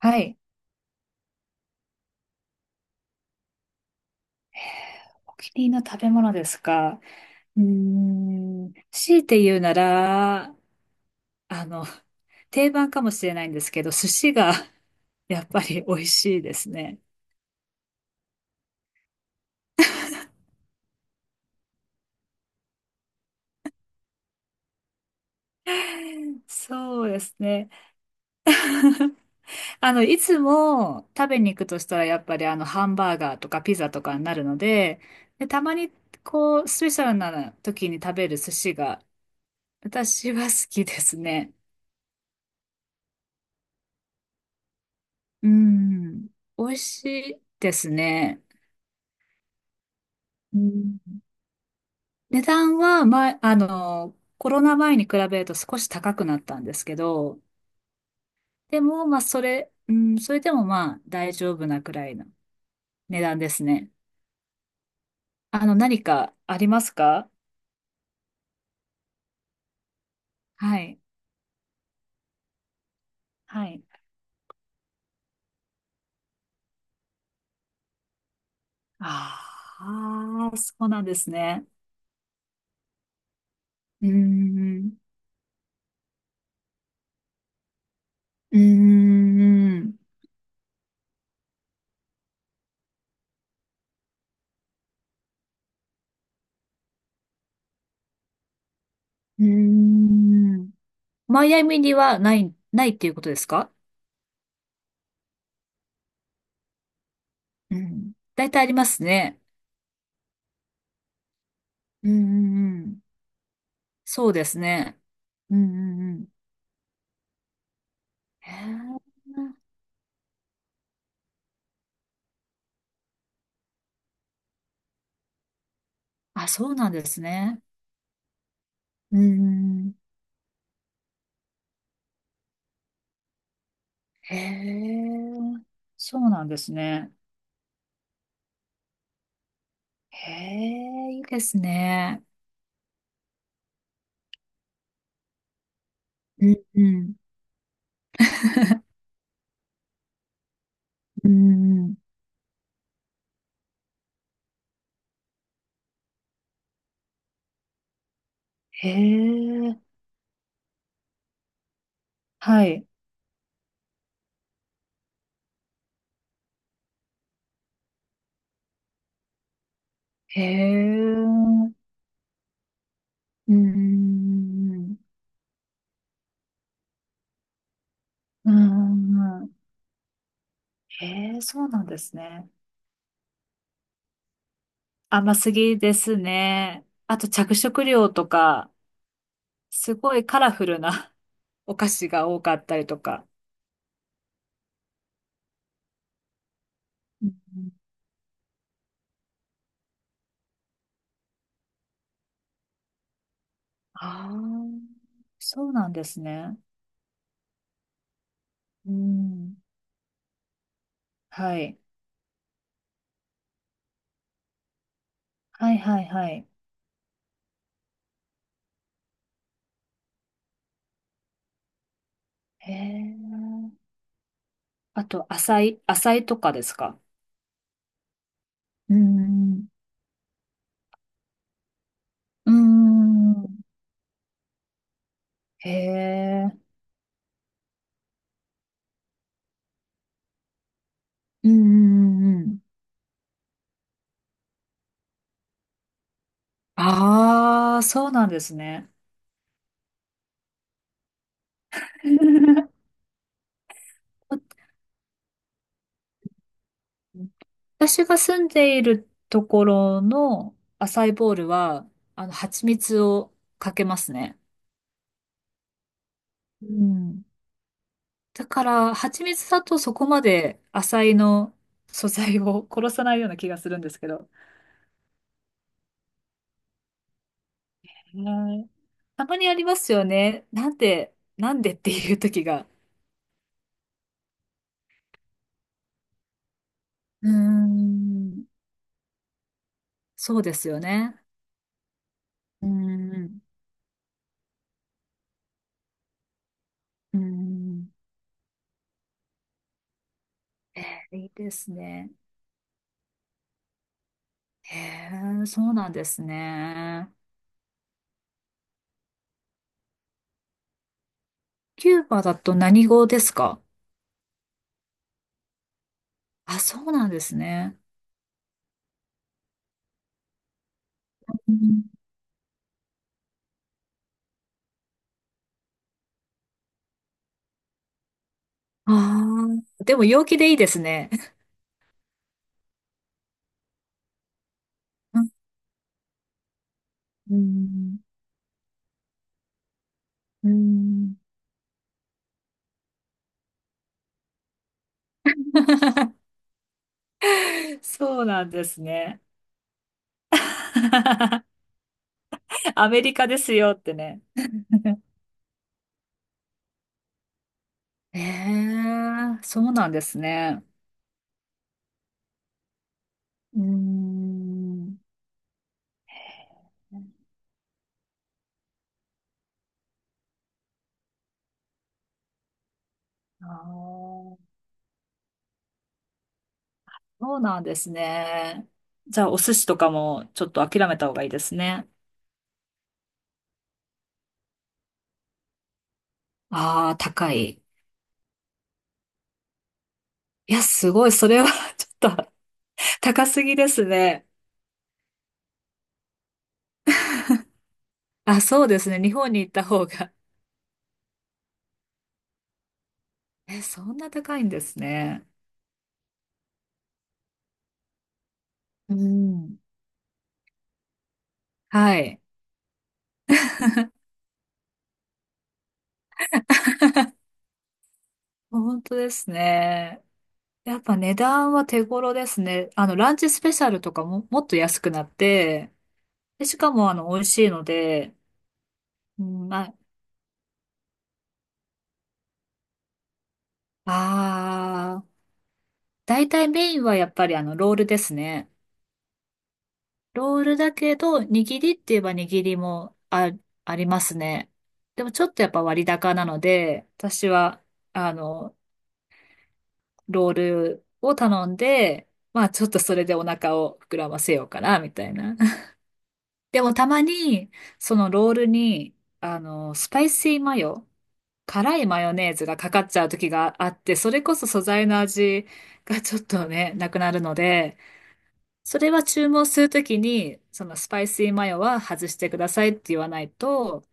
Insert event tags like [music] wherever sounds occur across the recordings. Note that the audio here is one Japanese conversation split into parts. はい。お気に入りの食べ物ですか。うーん。強いて言うなら、あの、定番かもしれないんですけど、寿司が [laughs] やっぱり美味しいですね。そうですね。[laughs] いつも食べに行くとしたら、やっぱりハンバーガーとかピザとかになるので、で、たまに、こう、スペシャルな時に食べる寿司が、私は好きですね。うん。美味しいですね。うん、値段は、コロナ前に比べると少し高くなったんですけど、でも、まあ、それ、うん、それでもまあ、大丈夫なくらいの値段ですね。あの、何かありますか？はい。はい。ああ、そうなんですね。うーん。うーん。うーん。マイアミにはない、ないっていうことですか？うん。大体ありますね。うんうんうん。そうですね。うんうんうん。へえ。あ、そうなんですね。うん。へえ。そうなんですね。へえ、いいですね。うん、うん。うん。へえ。はい。へえ。うん。うん。へえ、そうなんですね。甘すぎですね。あと着色料とか、すごいカラフルな [laughs] お菓子が多かったりとか。うん。ああ、そうなんですね。うん。はい。はいはいはい。へえ。あと、浅いとかですか？うん。うん。へえ。うんうんうんうん。ああ、そうなんですね。[laughs] 私が住んでいるところのアサイーボールは、蜂蜜をかけますね。うん。だから、蜂蜜だとそこまでアサイの素材を殺さないような気がするんですけど。へー、たまにありますよね。なんで、なんでっていう時が。うーん、そうですよね。うーん、うーん。えー、いいですね。へえ、そうなんですね。キューバだと何語ですか？あ、そうなんですね。ああー、でも陽気でいいですね。うん、うん。うん。 [laughs] [laughs] そうなんですね。[laughs] アメリカですよってね。ええ、そうなんですね。うーん。あー、そうなんですね。じゃあ、お寿司とかもちょっと諦めた方がいいですね。ああ、高い。いや、すごい。それは [laughs] ちょっと [laughs] 高すぎですね。あ、そうですね。日本に行った方が。え、そんな高いんですね。うん。はい。本当ですね。やっぱ値段は手頃ですね。ランチスペシャルとかも、もっと安くなって、で、しかも美味しいので、うん、まあ、あー、大体メインはやっぱりロールですね。ロールだけど、握りって言えば握りもあ、ありますね。でもちょっとやっぱ割高なので、私は、あの、ロールを頼んで、まあちょっとそれでお腹を膨らませようかな、みたいな。でもたまに、そのロールに、スパイシーマヨ、辛いマヨネーズがかかっちゃう時があって、それこそ素材の味がちょっとね、なくなるので、それは注文するときに、そのスパイシーマヨは外してくださいって言わないと、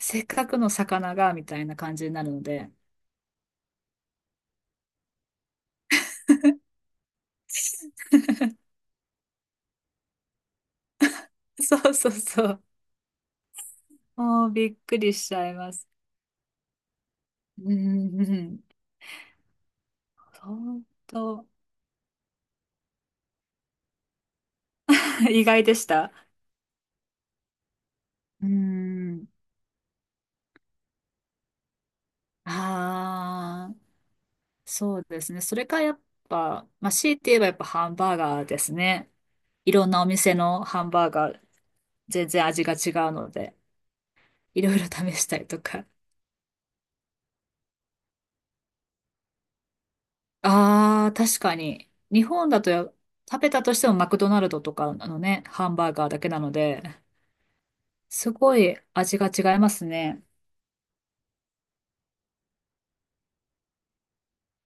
せっかくの魚が、みたいな感じになるので。そうそうそう。もうびっくりしちゃいます。うんうんうん。本当。[laughs] 意外でした。うん。ああ。そうですね。それかやっぱ、まあ、強いて言えばやっぱハンバーガーですね。いろんなお店のハンバーガー、全然味が違うので、いろいろ試したりとか。ああ、確かに。日本だとや、食べたとしてもマクドナルドとかのね、ハンバーガーだけなので、すごい味が違いますね。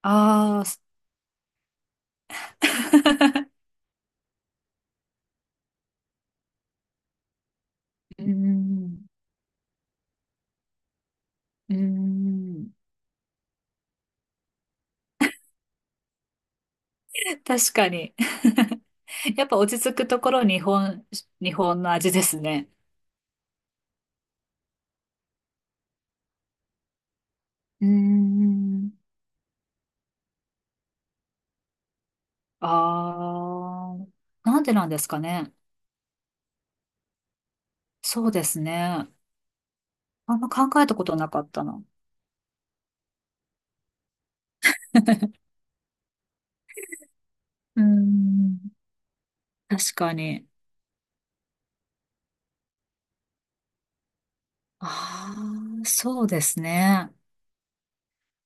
ああ、す。 [laughs] うーん、うーん、確かに。[laughs] やっぱ落ち着くところ日本、日本の味ですね。うーん。ああ、なんでなんですかね。そうですね。あんま考えたことなかったな。[laughs] うーん、確かに。ああ、そうですね。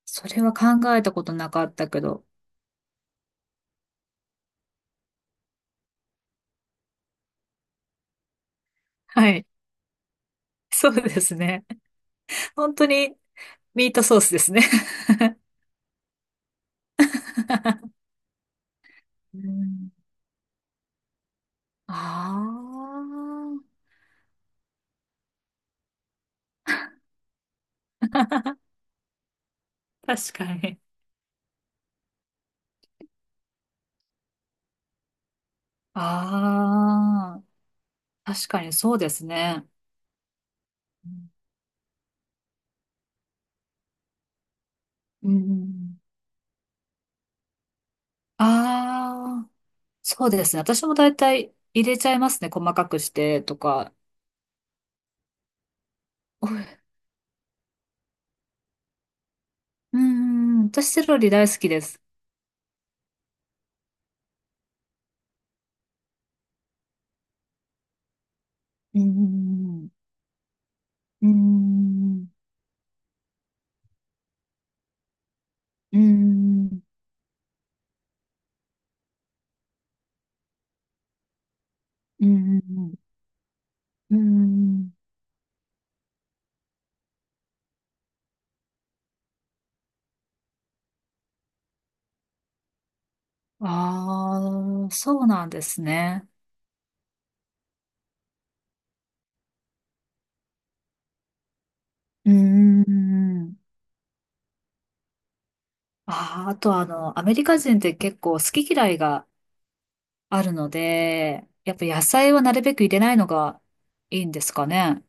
それは考えたことなかったけど。はい。そうですね。本当にミートソースですね。うん。ああ、確かに。ああ、確かにそうですね。うん。ああー。そうですね。私も大体入れちゃいますね。細かくしてとか。おい、うん、私セロリ大好きです。うん、うん、うん、うん、うん。ああー、そうなんですね。うん。ああ、あとアメリカ人って結構好き嫌いがあるので、やっぱ野菜はなるべく入れないのがいいんですかね。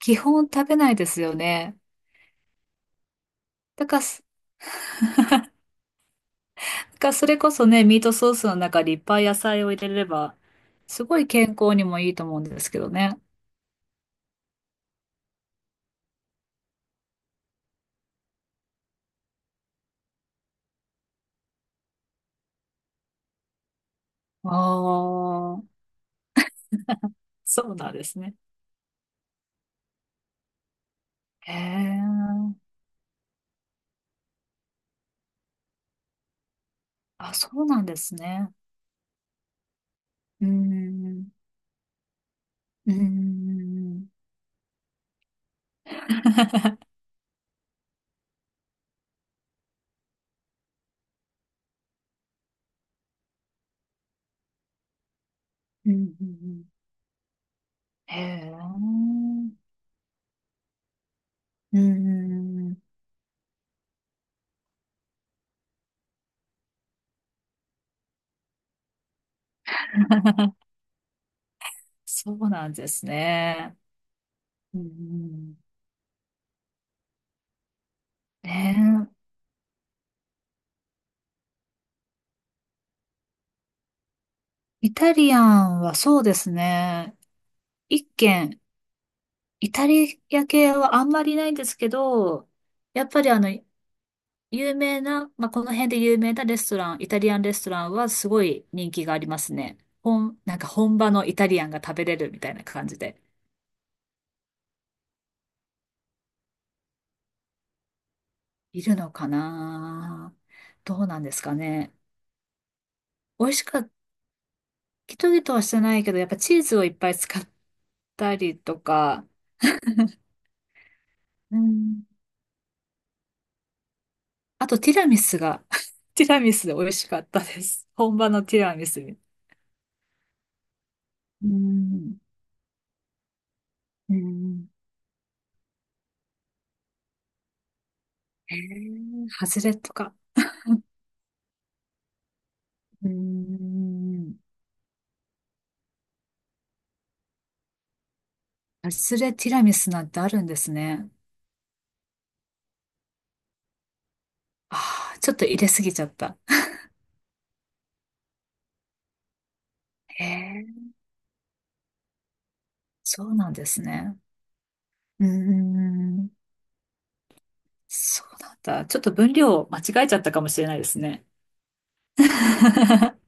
基本食べないですよね。だからかそれこそね、ミートソースの中にいっぱい野菜を入れれば、すごい健康にもいいと思うんですけどね。ああ、そうなんですね。へえ。あ、そうなんですね。うーん。うーん。うん。へえ。うーん。そうなんですね。うん。ねえ。イタリアンはそうですね。一軒イタリア系はあんまりないんですけど、やっぱり有名な、まあ、この辺で有名なレストラン、イタリアンレストランはすごい人気がありますね。本、なんか本場のイタリアンが食べれるみたいな感じで。いるのかな、どうなんですかね。美味しかった、ギトギトはしてないけど、やっぱチーズをいっぱい使ったりとか、うん。あとティラミスが、[laughs] ティラミス美味しかったです。本場のティラミス。うん。うん。えー、ハズレとか。うーん。ハズレティラミスなんてあるんですね。ああ、ちょっと入れすぎちゃった。ええ、そうなんですね。うーん。そうなんだ。ちょっと分量間違えちゃったかもしれないですね。[laughs]